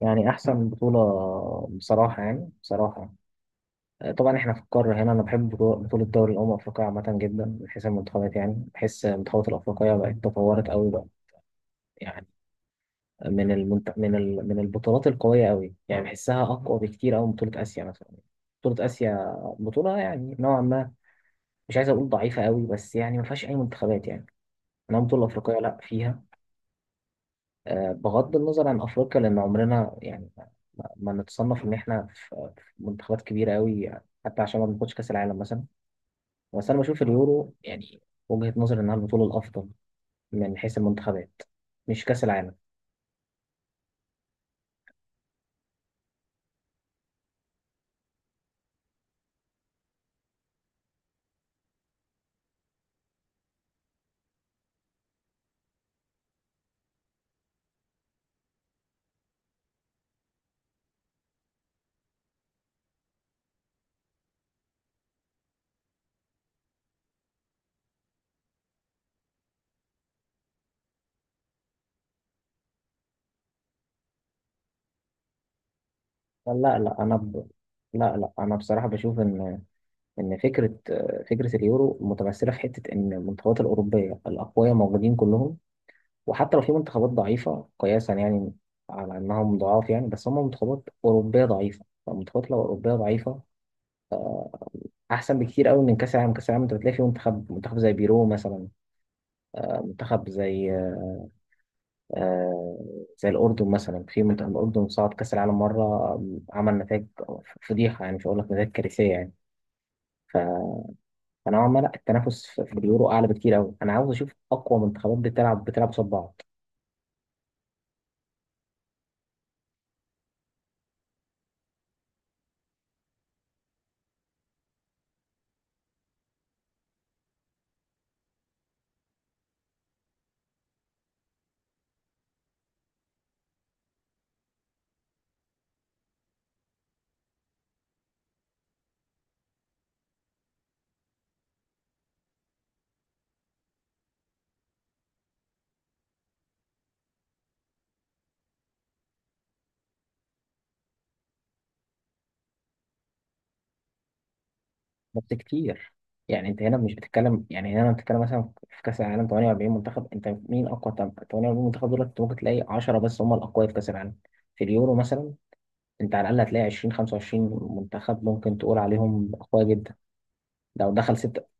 يعني أحسن بطولة بصراحة يعني بصراحة، طبعا إحنا في القارة هنا. أنا بحب بطولة دوري الأمم الأفريقية عامة جدا من حيث المنتخبات. يعني بحس المنتخبات الأفريقية بقت تطورت أوي بقى. يعني من المنت... من ال... من البطولات القوية أوي، يعني بحسها أقوى بكتير أوي من بطولة آسيا مثلا. بطولة آسيا بطولة يعني نوعا ما، مش عايز أقول ضعيفة أوي، بس يعني ما فيهاش أي منتخبات يعني. إنما البطولة الأفريقية لأ، فيها بغض النظر عن افريقيا، لان عمرنا يعني ما نتصنف ان احنا في منتخبات كبيره قوي، حتى عشان ما بناخدش كاس العالم مثلا. بس انا بشوف اليورو، يعني وجهه نظري انها البطوله الافضل من حيث المنتخبات، مش كاس العالم. لا لا انا ب... لا لا، انا بصراحه بشوف ان فكره اليورو متمثله في حته ان المنتخبات الاوروبيه الاقوياء موجودين كلهم. وحتى لو في منتخبات ضعيفة قياسا يعني، على إنهم ضعاف يعني، بس هم منتخبات أوروبية ضعيفة، فالمنتخبات لو أوروبية ضعيفة أحسن بكتير أوي من كأس العالم. كأس العالم أنت بتلاقي في منتخب منتخب زي بيرو مثلا، منتخب زي آه زي الأردن مثلا. في منتخب الأردن صعد كأس العالم مرة، عمل نتائج فضيحة، يعني مش هقول لك نتائج كارثية يعني. ف- فنوعا ما لا، التنافس في اليورو أعلى بكتير أوي. أنا عاوز أشوف أقوى منتخبات بتلعب قصاد بعض. بس كتير، يعني انت هنا مش بتتكلم، يعني هنا بتتكلم مثلا، في كاس العالم 48 منتخب، انت مين اقوى 48 منتخب دول؟ انت ممكن تلاقي 10 بس هم الاقوياء في كاس العالم. في اليورو مثلا انت على الاقل هتلاقي 20 25 منتخب ممكن تقول عليهم اقوياء جدا لو دخل ستة.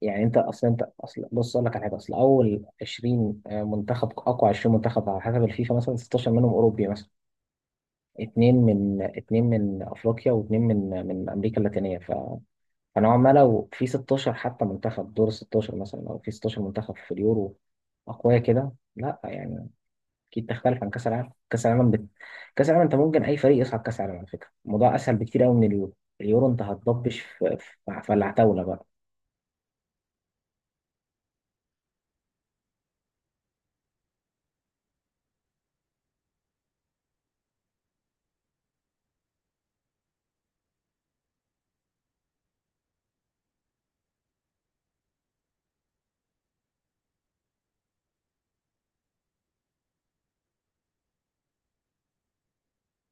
يعني انت اصلا بص اقول لك على حاجه. اصل اول 20 منتخب، اقوى 20 منتخب على حسب الفيفا مثلا، 16 منهم اوروبي مثلا، اثنين من افريقيا، واثنين من امريكا اللاتينيه. فنوعا ما لو في 16 حتى منتخب، دور 16 مثلا، او في 16 منتخب في اليورو اقوياء كده، لا يعني اكيد تختلف عن كاس العالم. كاس العالم انت ممكن اي فريق يصعد كاس العالم، على فكره الموضوع اسهل بكتير قوي من اليورو. اليورو انت هتضبش في العتاوله بقى.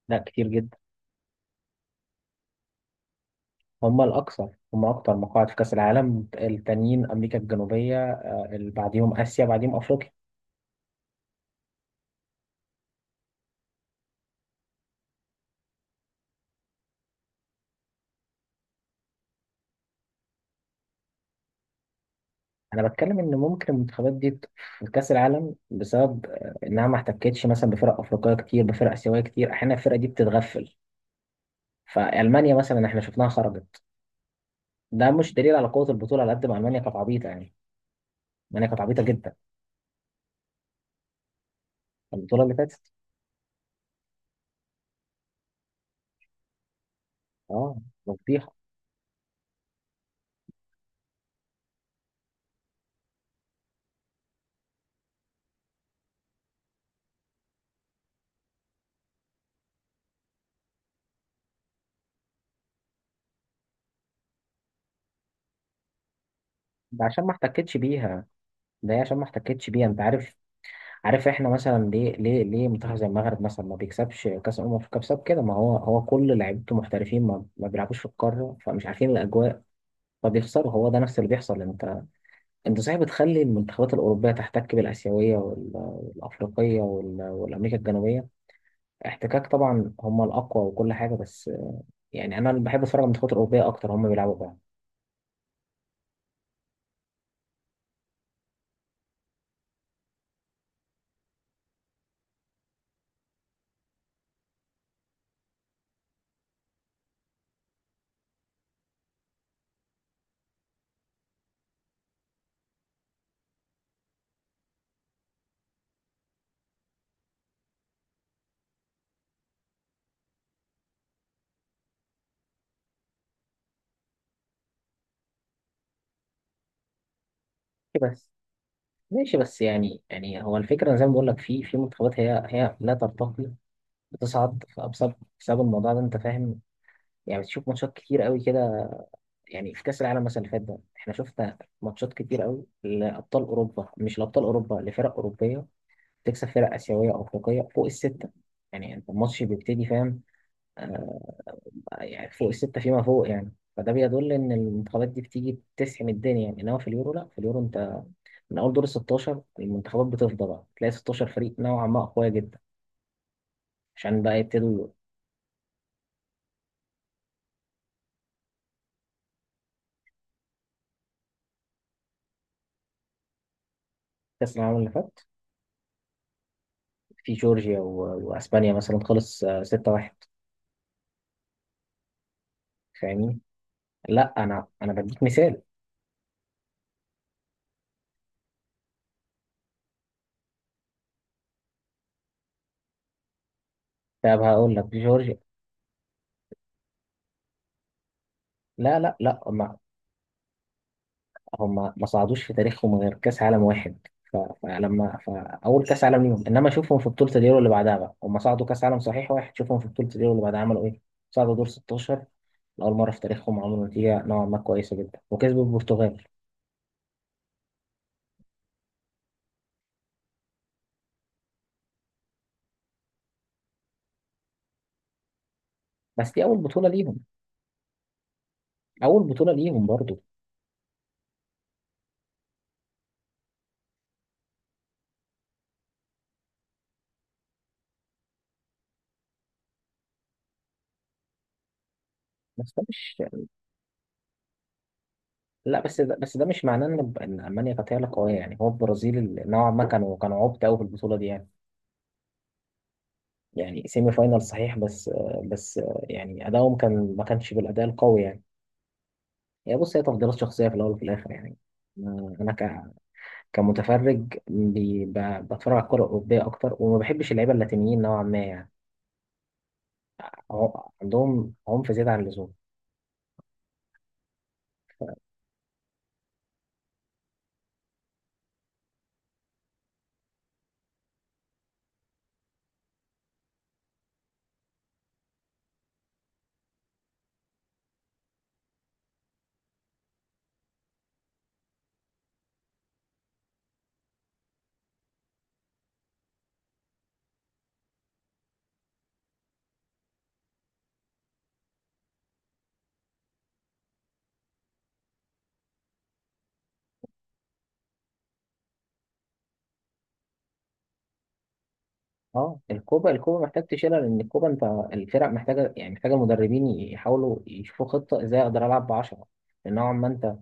لا كتير جدا، هم الاكثر، هم اكتر مقاعد في كاس العالم. التانيين امريكا الجنوبيه، اللي بعديهم اسيا، بعديهم افريقيا. انا بتكلم ان ممكن المنتخبات دي في كاس العالم، بسبب آه، انها ما احتكتش مثلا بفرق افريقيه كتير، بفرق اسيويه كتير، احيانا الفرقه دي بتتغفل. فالمانيا مثلا احنا شفناها خرجت، ده مش دليل على قوه البطوله، على قد ما المانيا كانت عبيطه يعني. المانيا كانت عبيطه جدا، البطوله اللي فاتت. اه، مفضيحه. ده عشان ما احتكتش بيها ده هي عشان ما احتكتش بيها. انت عارف، عارف احنا مثلا ليه منتخب زي المغرب مثلا ما بيكسبش كاس الامم؟ في كاس كده ما هو، هو كل لعيبته محترفين، ما بيلعبوش في القاره، فمش عارفين الاجواء فبيخسروا. هو ده نفس اللي بيحصل. لأن انت صحيح بتخلي المنتخبات الاوروبيه تحتك بالاسيويه والافريقيه والامريكا الجنوبيه احتكاك، طبعا هم الاقوى وكل حاجه. بس يعني انا اللي بحب اتفرج على المنتخبات الاوروبيه اكتر، هم بيلعبوا بعض. إيه بس، ماشي بس يعني، يعني هو الفكره أنا زي ما بقول لك، في منتخبات هي لا ترتقي، بتصعد بسبب الموضوع ده، انت فاهم؟ يعني بتشوف ماتشات كتير قوي كده. يعني في كاس العالم مثلا اللي فات ده احنا شفنا ماتشات كتير قوي لابطال اوروبا مش لابطال اوروبا، لفرق اوروبيه تكسب فرق آسيوية أو أفريقية فوق الستة. يعني أنت الماتش بيبتدي، فاهم؟ آه. يعني فوق الستة فيما فوق، يعني فده بيدل إن المنتخبات دي بتيجي تسحم الدنيا يعني. إنما في اليورو لأ، في اليورو أنت من أول دور 16 المنتخبات بتفضى بقى، تلاقي 16 فريق نوعا ما أقوياء جدا، عشان بقى يبتدوا. كأس العالم اللي فات، في جورجيا وأسبانيا مثلا خلص 6-1. فاهمني؟ لأ، أنا بديك مثال. طب هقول لك جورجيا. لا، هم ما صعدوش في تاريخهم غير كاس عالم واحد. ف- فلما فاول كاس عالم ليهم، انما شوفهم في بطوله اليورو اللي بعدها بقى، هم صعدوا كاس عالم صحيح واحد، شوفهم في بطوله اليورو اللي بعدها عملوا ايه؟ صعدوا دور 16 لاول مره في تاريخهم، عملوا نتيجه نوعا ما كويسه جدا، وكسبوا البرتغال. بس دي اول بطوله ليهم، اول بطوله ليهم برضو. بس ده مش بس ده مش معناه ان المانيا كانت هي اللي قويه يعني. هو البرازيل اللي نوعا ما كانوا عبط قوي في البطوله دي يعني. يعني سيمي فاينال صحيح، بس يعني ادائهم كان ما كانش بالاداء القوي يعني. هي بص، هي تفضيلات شخصية في الأول وفي الآخر يعني. ما- أنا ك... كمتفرج بي... ب... بتفرج على الكرة الأوروبية أكتر، وما بحبش اللعيبة اللاتينيين نوعا ما يعني. عم- عندهم عنف زيادة عن اللزوم. أه، الكوبا الكوبا محتاج تشيلها. لأن الكوبا أنت الفرق محتاجة، يعني محتاجة المدربين يحاولوا يشوفوا خطة إزاي أقدر ألعب بعشرة. لأن نوعا ما أنت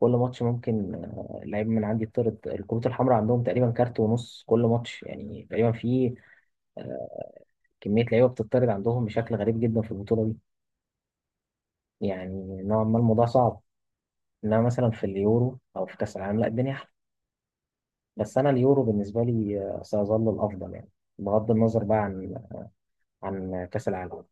كل ماتش ممكن لعيب من عندي يطرد. الكروت الحمراء عندهم تقريبا كارت ونص كل ماتش يعني تقريبا. في آه، كمية لعيبة بتطرد عندهم بشكل غريب جدا في البطولة دي. يعني نوعا ما الموضوع صعب، انما مثلا في اليورو او في كاس العالم لا الدنيا احلى. بس انا اليورو بالنسبه لي سيظل الافضل يعني، بغض النظر بقى عن كاس العالم.